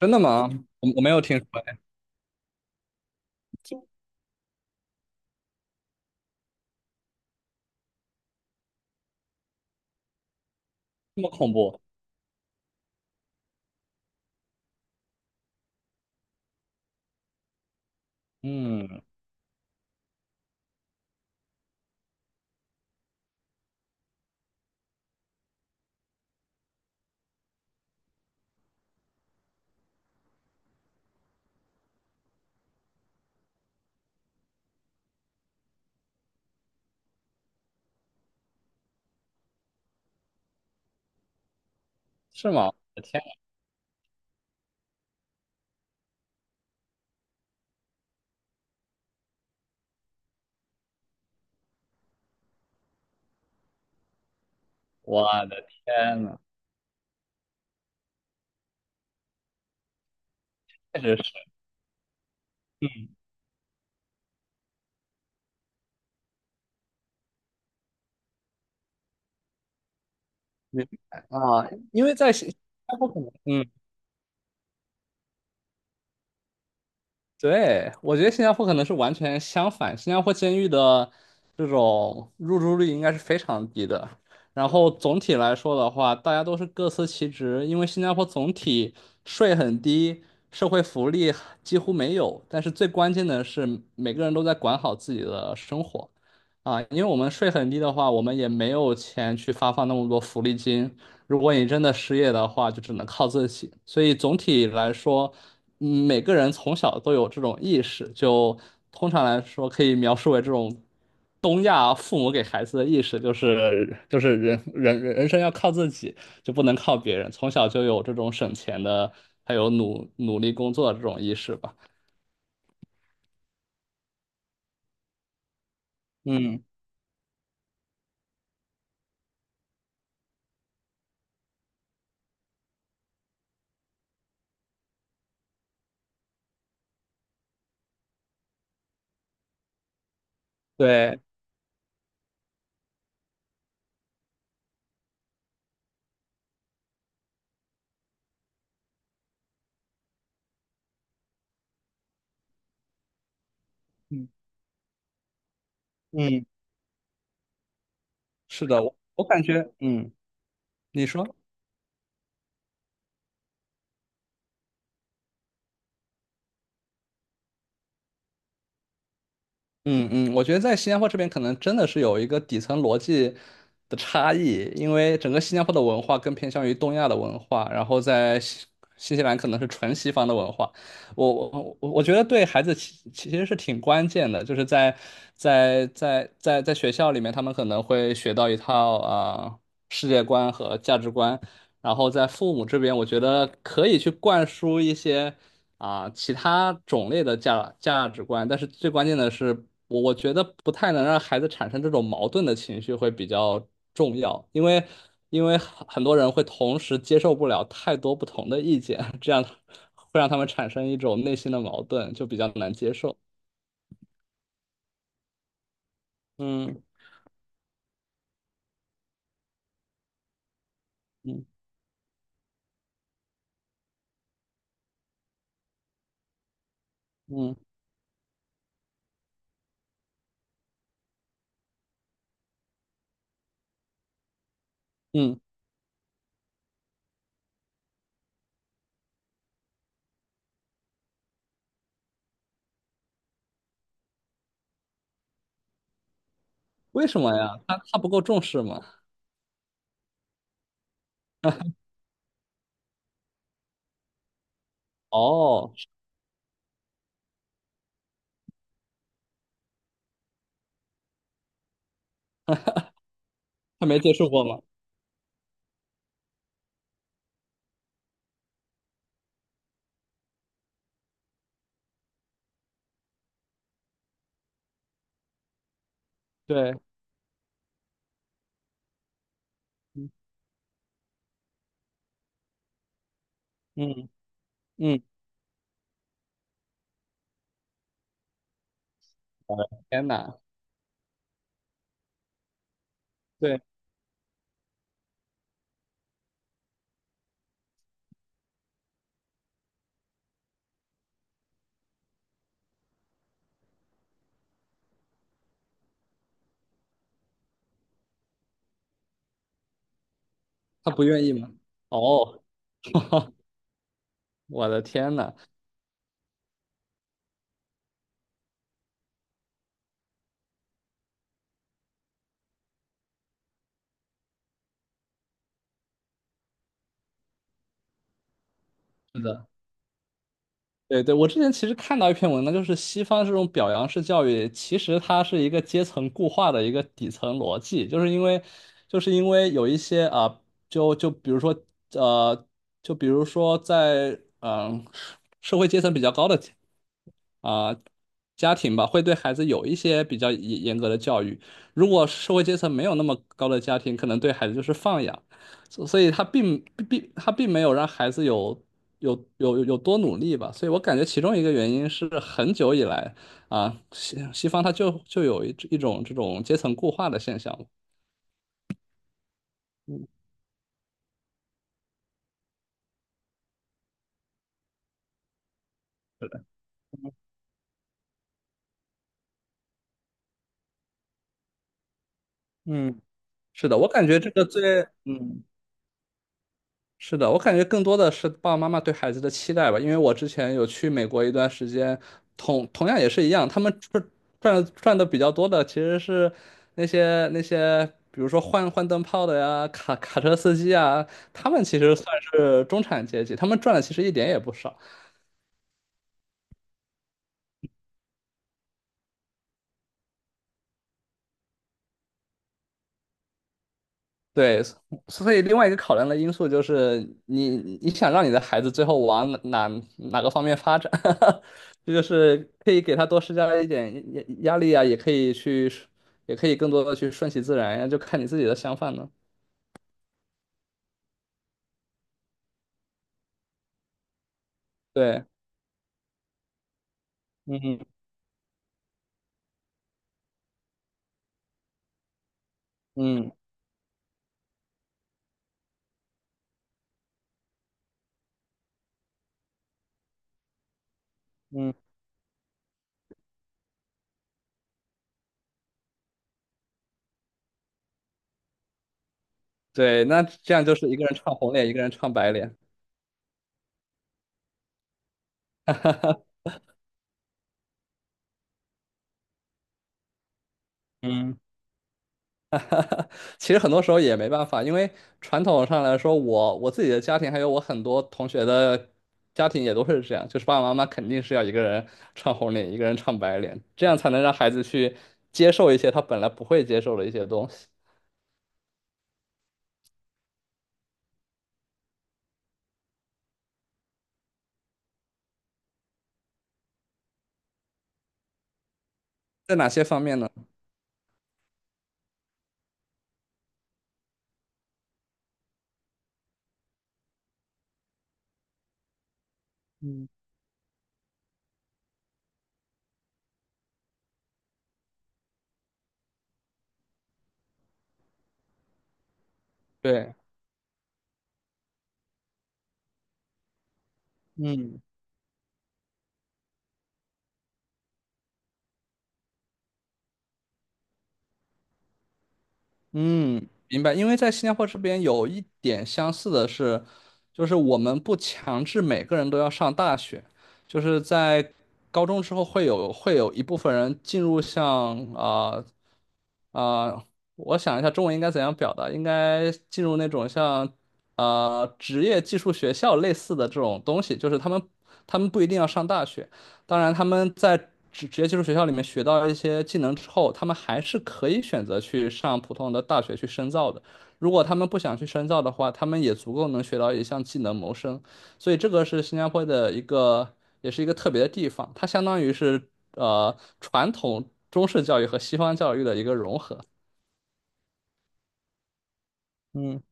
真的吗？我没有听说，哎，这么恐怖？嗯，是吗？我的天啊，我的天呐，确实是，嗯，明白啊，因为在新加坡可能，嗯，对，我觉得新加坡可能是完全相反，新加坡监狱的这种入住率应该是非常低的。然后总体来说的话，大家都是各司其职，因为新加坡总体税很低，社会福利几乎没有，但是最关键的是每个人都在管好自己的生活啊，因为我们税很低的话，我们也没有钱去发放那么多福利金，如果你真的失业的话，就只能靠自己。所以总体来说，嗯，每个人从小都有这种意识，就通常来说可以描述为这种东亚父母给孩子的意识，就是人生要靠自己，就不能靠别人。从小就有这种省钱的，还有努力工作的这种意识吧。嗯，对，嗯嗯，是的，我感觉，嗯，你说。嗯嗯，我觉得在新加坡这边可能真的是有一个底层逻辑的差异，因为整个新加坡的文化更偏向于东亚的文化，然后在新西兰可能是纯西方的文化。我觉得对孩子其实是挺关键的，就是在学校里面，他们可能会学到一套世界观和价值观，然后在父母这边，我觉得可以去灌输一些。啊，其他种类的价值观，但是最关键的是，我觉得不太能让孩子产生这种矛盾的情绪会比较重要，因为因为很多人会同时接受不了太多不同的意见，这样会让他们产生一种内心的矛盾，就比较难接受。嗯嗯嗯嗯，为什么呀？他不够重视吗？哦，他没接受过吗？对，嗯嗯嗯，我的天哪，对，他不愿意吗？哦。我的天呐，是的，对对，我之前其实看到一篇文章，就是西方这种表扬式教育，其实它是一个阶层固化的一个底层逻辑，就是因为，就是因为有一些就比如说呃，就比如说在社会阶层比较高的啊、家庭吧，会对孩子有一些比较严格的教育。如果社会阶层没有那么高的家庭，可能对孩子就是放养。所以他并没有让孩子有多努力吧，所以我感觉其中一个原因是很久以来啊，西方它就有一种这种阶层固化的现象。嗯，是的，我感觉这个最嗯是的，我感觉更多的是爸爸妈妈对孩子的期待吧，因为我之前有去美国一段时间，同样也是一样，他们赚的比较多的其实是那些，比如说换灯泡的呀，卡车司机啊，他们其实算是中产阶级，他们赚的其实一点也不少。对，所以另外一个考量的因素就是你想让你的孩子最后往哪个方面发展，这就是可以给他多施加一点压力啊，也可以去，也可以更多的去顺其自然呀，就看你自己的想法呢。对，嗯嗯嗯嗯，对，那这样就是一个人唱红脸，一个人唱白脸。嗯。其实很多时候也没办法，因为传统上来说，我自己的家庭还有我很多同学的家庭也都是这样，就是爸爸妈妈肯定是要一个人唱红脸，一个人唱白脸，这样才能让孩子去接受一些他本来不会接受的一些东西。在哪些方面呢？嗯对。嗯。嗯，明白。因为在新加坡这边有一点相似的是，就是我们不强制每个人都要上大学，就是在高中之后会有一部分人进入像啊啊、我想一下中文应该怎样表达，应该进入那种像职业技术学校类似的这种东西，就是他们不一定要上大学。当然，他们在职业技术学校里面学到一些技能之后，他们还是可以选择去上普通的大学去深造的。如果他们不想去深造的话，他们也足够能学到一项技能谋生。所以这个是新加坡的一个，也是一个特别的地方，它相当于是传统中式教育和西方教育的一个融合。嗯。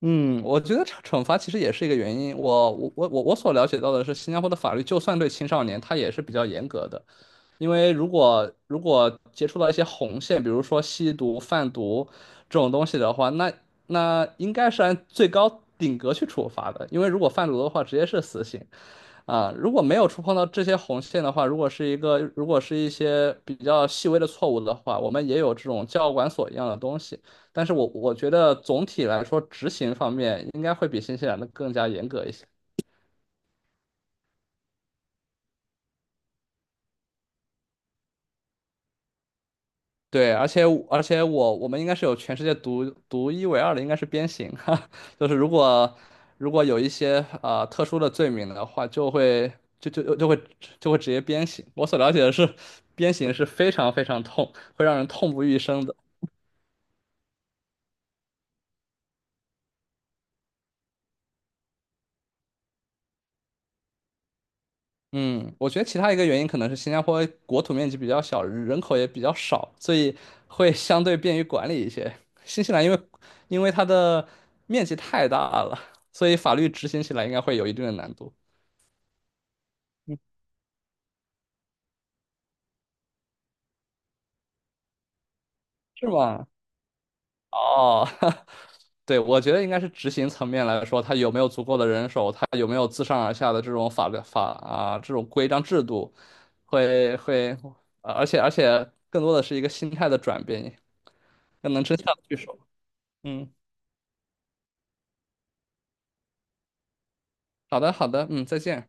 嗯，我觉得惩罚其实也是一个原因。我所了解到的是，新加坡的法律就算对青少年，他也是比较严格的。因为如果接触到一些红线，比如说吸毒、贩毒这种东西的话，那那应该是按最高顶格去处罚的。因为如果贩毒的话，直接是死刑；啊，如果没有触碰到这些红线的话，如果是一些比较细微的错误的话，我们也有这种教管所一样的东西。但是我觉得总体来说，执行方面应该会比新西兰的更加严格一些。对，而且我们应该是有全世界独一无二的，应该是鞭刑，哈，就是如果有一些特殊的罪名的话，就会就就就会就会直接鞭刑。我所了解的是，鞭刑是非常非常痛，会让人痛不欲生的。嗯，我觉得其他一个原因可能是新加坡国土面积比较小，人口也比较少，所以会相对便于管理一些。新西兰因为它的面积太大了，所以法律执行起来应该会有一定的难度，是吗？哦，对，我觉得应该是执行层面来说，它有没有足够的人手，它有没有自上而下的这种法律法啊这种规章制度，会会，啊，而且更多的是一个心态的转变，更能真相得去说。嗯，好的，好的，嗯，再见。